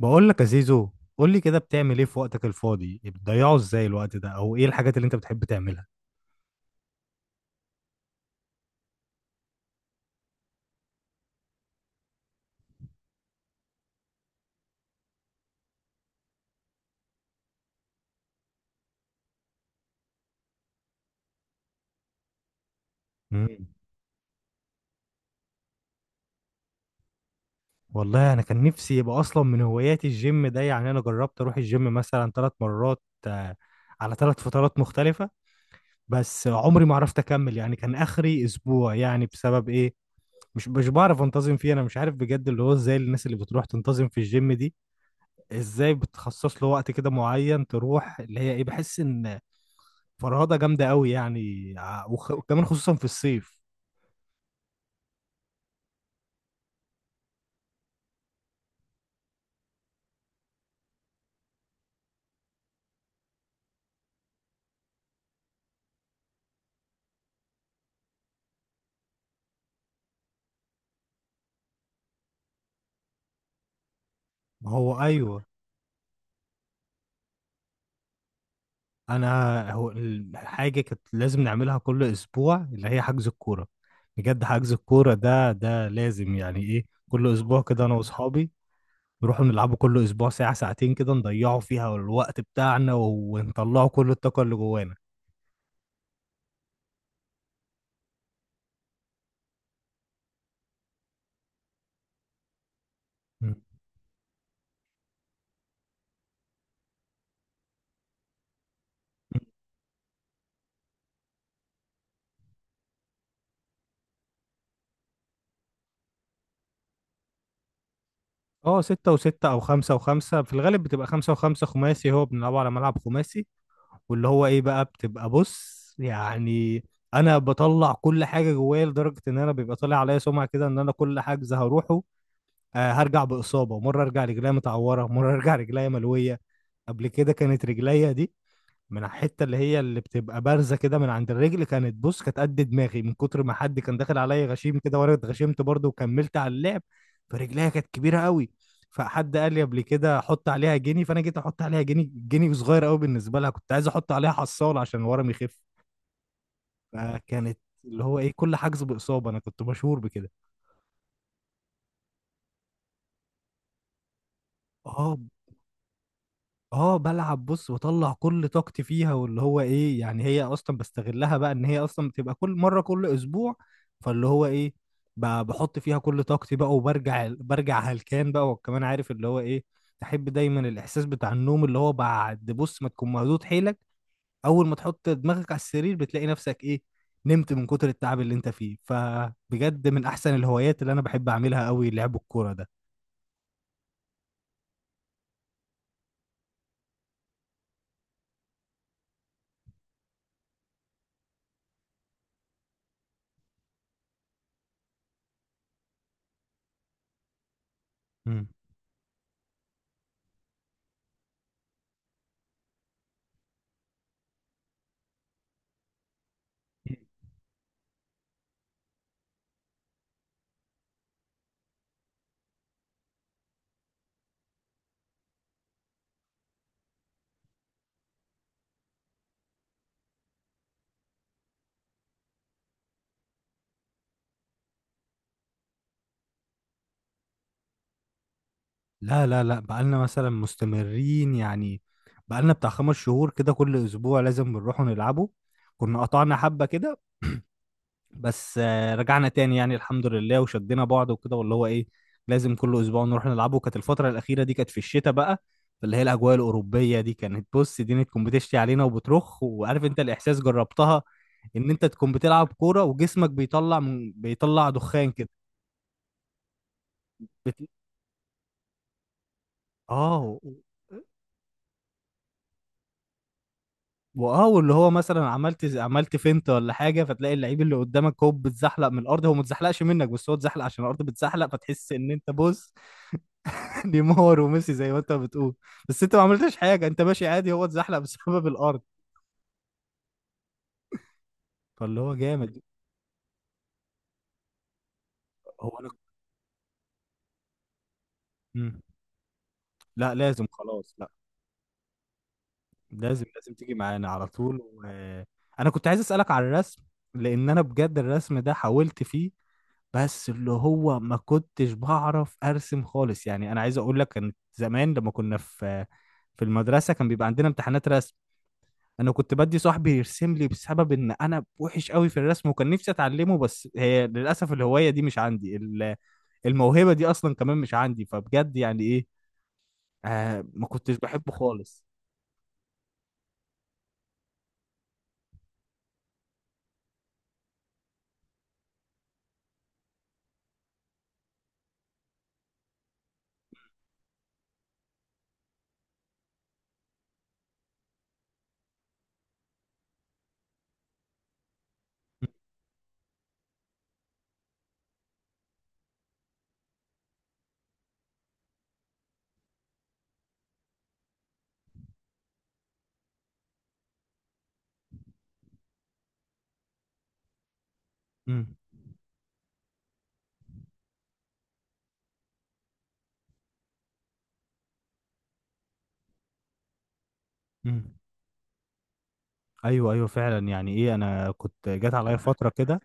بقول لك يا زيزو. قول لي كده، بتعمل ايه في وقتك الفاضي؟ بتضيعه ازاي الوقت ده؟ او ايه الحاجات اللي انت بتحب تعملها؟ امم والله انا كان نفسي يبقى اصلا من هواياتي الجيم ده. يعني انا جربت اروح الجيم مثلا 3 مرات، على 3 فترات مختلفة. بس عمري ما عرفت اكمل، يعني كان اخري اسبوع. يعني بسبب ايه؟ مش بعرف انتظم فيه. انا مش عارف بجد اللي هو ازاي الناس اللي بتروح تنتظم في الجيم دي، ازاي بتخصص له وقت كده معين تروح. اللي هي ايه، بحس ان فرهضة جامدة قوي. يعني وكمان خصوصا في الصيف. ما هو أيوه. أنا حاجة كانت لازم نعملها كل أسبوع اللي هي حجز الكورة. بجد حجز الكورة ده ده لازم، يعني إيه، كل أسبوع كده أنا وأصحابي نروحوا نلعبوا كل أسبوع ساعة ساعتين كده، نضيعوا فيها الوقت بتاعنا ونطلعوا كل الطاقة اللي جوانا. مم. اه، ستة وستة أو خمسة وخمسة، في الغالب بتبقى خمسة وخمسة، خماسي، هو بنلعبه على ملعب خماسي. واللي هو ايه بقى بتبقى بص يعني، انا بطلع كل حاجه جوايا، لدرجه ان انا بيبقى طالع عليا سمعه كده ان انا كل حجز هروحه هرجع باصابه. مره ارجع رجليا متعوره، مره ارجع رجليا ملويه. قبل كده كانت رجليا دي، من على الحته اللي هي اللي بتبقى بارزه كده من عند الرجل، كانت بص، كانت قد دماغي، من كتر ما حد كان داخل عليا غشيم كده، وانا اتغشمت برضه وكملت على اللعب. فرجليها كانت كبيره قوي. فحد قال لي قبل كده حط عليها جنيه، فانا جيت احط عليها جنيه، جنيه صغير قوي بالنسبه لها. كنت عايز احط عليها حصاله عشان ورم يخف. فكانت اللي هو ايه، كل حجز باصابه. انا كنت مشهور بكده. اه. اه، بلعب بص، بطلع كل طاقتي فيها. واللي هو ايه، يعني هي اصلا بستغلها بقى ان هي اصلا بتبقى كل مره كل اسبوع. فاللي هو ايه، بحط فيها كل طاقتي بقى وبرجع، برجع هلكان بقى. وكمان عارف اللي هو ايه، تحب دايما الاحساس بتاع النوم، اللي هو بعد بص ما تكون مهدود حيلك، اول ما تحط دماغك على السرير بتلاقي نفسك ايه، نمت من كتر التعب اللي انت فيه. فبجد من احسن الهوايات اللي انا بحب اعملها قوي لعب الكوره ده. إمم. لا لا لا، بقالنا مثلا مستمرين، يعني بقالنا بتاع 5 شهور كده، كل اسبوع لازم بنروح نلعبه. كنا قطعنا حبة كده، بس رجعنا تاني يعني الحمد لله وشدينا بعض وكده. واللي هو ايه، لازم كل اسبوع نروح نلعبه. كانت الفترة الأخيرة دي كانت في الشتاء بقى، اللي هي الأجواء الأوروبية دي، كانت بص دي تكون بتشتي علينا وبترخ، وعارف انت الإحساس جربتها، ان انت تكون بتلعب كورة وجسمك بيطلع من، بيطلع دخان كده. بت... اه. واه، واللي هو مثلا عملت فينت ولا حاجه، فتلاقي اللعيب اللي قدامك هو بيتزحلق من الارض. هو ما اتزحلقش منك، بس هو اتزحلق عشان الارض بتزحلق. فتحس ان انت بص، نيمار وميسي زي ما انت بتقول. بس انت ما عملتش حاجه، انت ماشي عادي، هو اتزحلق بسبب الارض. فاللي هو جامد. هو انا. مم. لا، لازم، خلاص، لا، لازم تيجي معانا على طول انا كنت عايز اسالك على الرسم، لان انا بجد الرسم ده حاولت فيه، بس اللي هو ما كنتش بعرف ارسم خالص. يعني انا عايز اقول لك، كان زمان لما كنا في في المدرسه كان بيبقى عندنا امتحانات رسم، انا كنت بدي صاحبي يرسم لي بسبب ان انا وحش قوي في الرسم. وكان نفسي اتعلمه، بس هي للاسف الهوايه دي مش عندي، الموهبه دي اصلا كمان مش عندي. فبجد يعني ايه، ما كنتش بحبه خالص. امم امم ايوه ايوه فعلا، يعني ايه، انا كنت جات عليا فتره كده.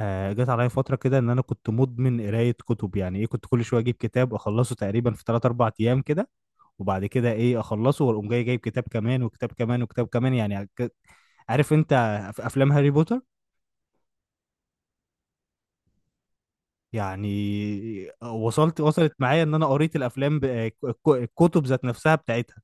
جت عليا فترة كده إن أنا كنت مدمن قراية كتب. يعني إيه، كنت كل شوية أجيب كتاب أخلصه تقريبا في تلات أربع أيام كده. وبعد كده إيه، أخلصه وأقوم جاي جايب كتاب كمان وكتاب كمان وكتاب كمان. يعني عارف أنت في أفلام هاري بوتر، يعني وصلت معايا إن أنا قريت الأفلام، الكتب ذات نفسها بتاعتها.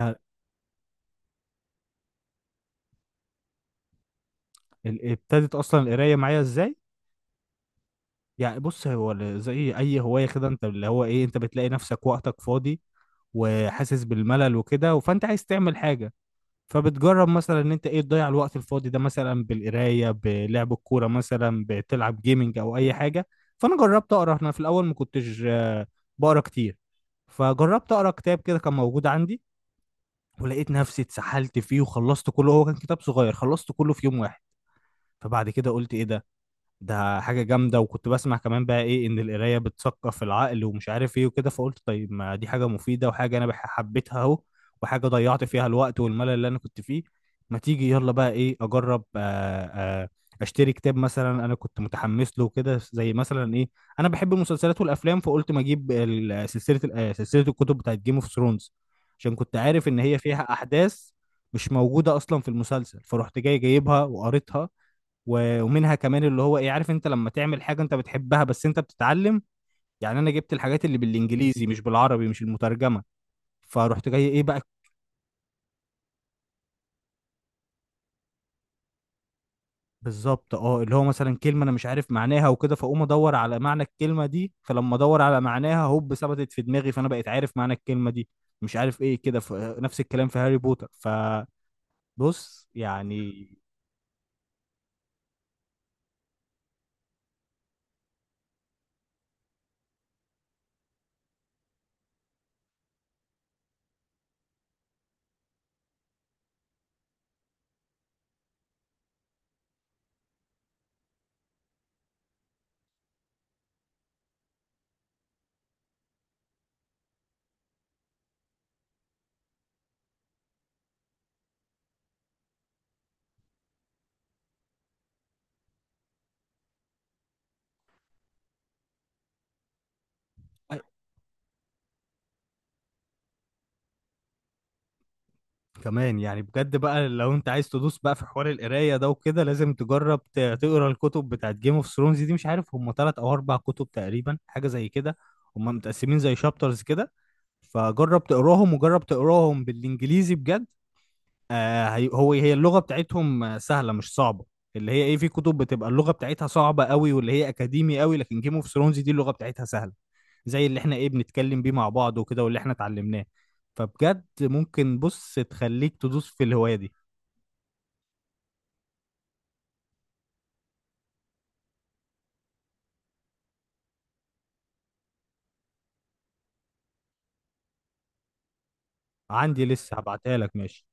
يعني ابتدت أصلا القراية معايا إزاي؟ يعني بص، هو زي أي هواية كده، أنت اللي هو إيه، أنت بتلاقي نفسك وقتك فاضي وحاسس بالملل وكده، فأنت عايز تعمل حاجة. فبتجرب مثلا ان انت ايه تضيع الوقت الفاضي ده، مثلا بالقرايه، بلعب الكوره، مثلا بتلعب جيمنج، او اي حاجه. فانا جربت اقرا. انا في الاول ما كنتش بقرا كتير. فجربت اقرا كتاب كده كان موجود عندي، ولقيت نفسي اتسحلت فيه وخلصت كله. هو كان كتاب صغير، خلصت كله في يوم واحد. فبعد كده قلت ايه ده، ده حاجة جامدة. وكنت بسمع كمان بقى ايه، ان القراية بتثقف العقل ومش عارف ايه وكده. فقلت طيب، ما دي حاجة مفيدة، وحاجة انا حبيتها اهو، وحاجة ضيعت فيها الوقت والملل اللي انا كنت فيه. ما تيجي يلا بقى ايه، اجرب اشتري كتاب. مثلا انا كنت متحمس له كده، زي مثلا ايه، انا بحب المسلسلات والافلام. فقلت ما اجيب سلسلة، سلسلة الكتب بتاعت جيم اوف ثرونز، عشان كنت عارف ان هي فيها احداث مش موجودة اصلا في المسلسل. فرحت جاي جايبها وقريتها. ومنها كمان اللي هو ايه، عارف انت لما تعمل حاجه انت بتحبها، بس انت بتتعلم. يعني انا جبت الحاجات اللي بالانجليزي مش بالعربي، مش المترجمه. فرحت جاي ايه بقى بالظبط. اه، اللي هو مثلا كلمه انا مش عارف معناها وكده، فاقوم ادور على معنى الكلمه دي. فلما ادور على معناها هوب ثبتت في دماغي، فانا بقيت عارف معنى الكلمه دي. مش عارف ايه كده، نفس الكلام في هاري بوتر. فبص يعني، كمان يعني بجد بقى، لو انت عايز تدوس بقى في حوار القرايه ده وكده، لازم تجرب تقرا الكتب بتاعت جيم اوف ثرونز دي. مش عارف هم 3 أو 4 كتب تقريبا حاجه زي كده. هم متقسمين زي شابترز كده. فجرب تقراهم، وجرب تقراهم بالانجليزي بجد. آه هي- هو هي اللغة بتاعتهم سهلة مش صعبة. اللي هي ايه، في كتب بتبقى اللغة بتاعتها صعبة قوي واللي هي اكاديمي قوي. لكن جيم اوف ثرونز دي اللغة بتاعتها سهلة، زي اللي احنا ايه بنتكلم بيه مع بعض وكده، واللي احنا اتعلمناه. فبجد ممكن بص تخليك تدوس في الهواية دي. عندي لسه، هبعتها لك ماشي.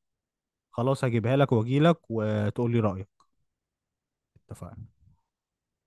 خلاص هجيبها لك واجي لك وتقول لي رأيك. اتفقنا.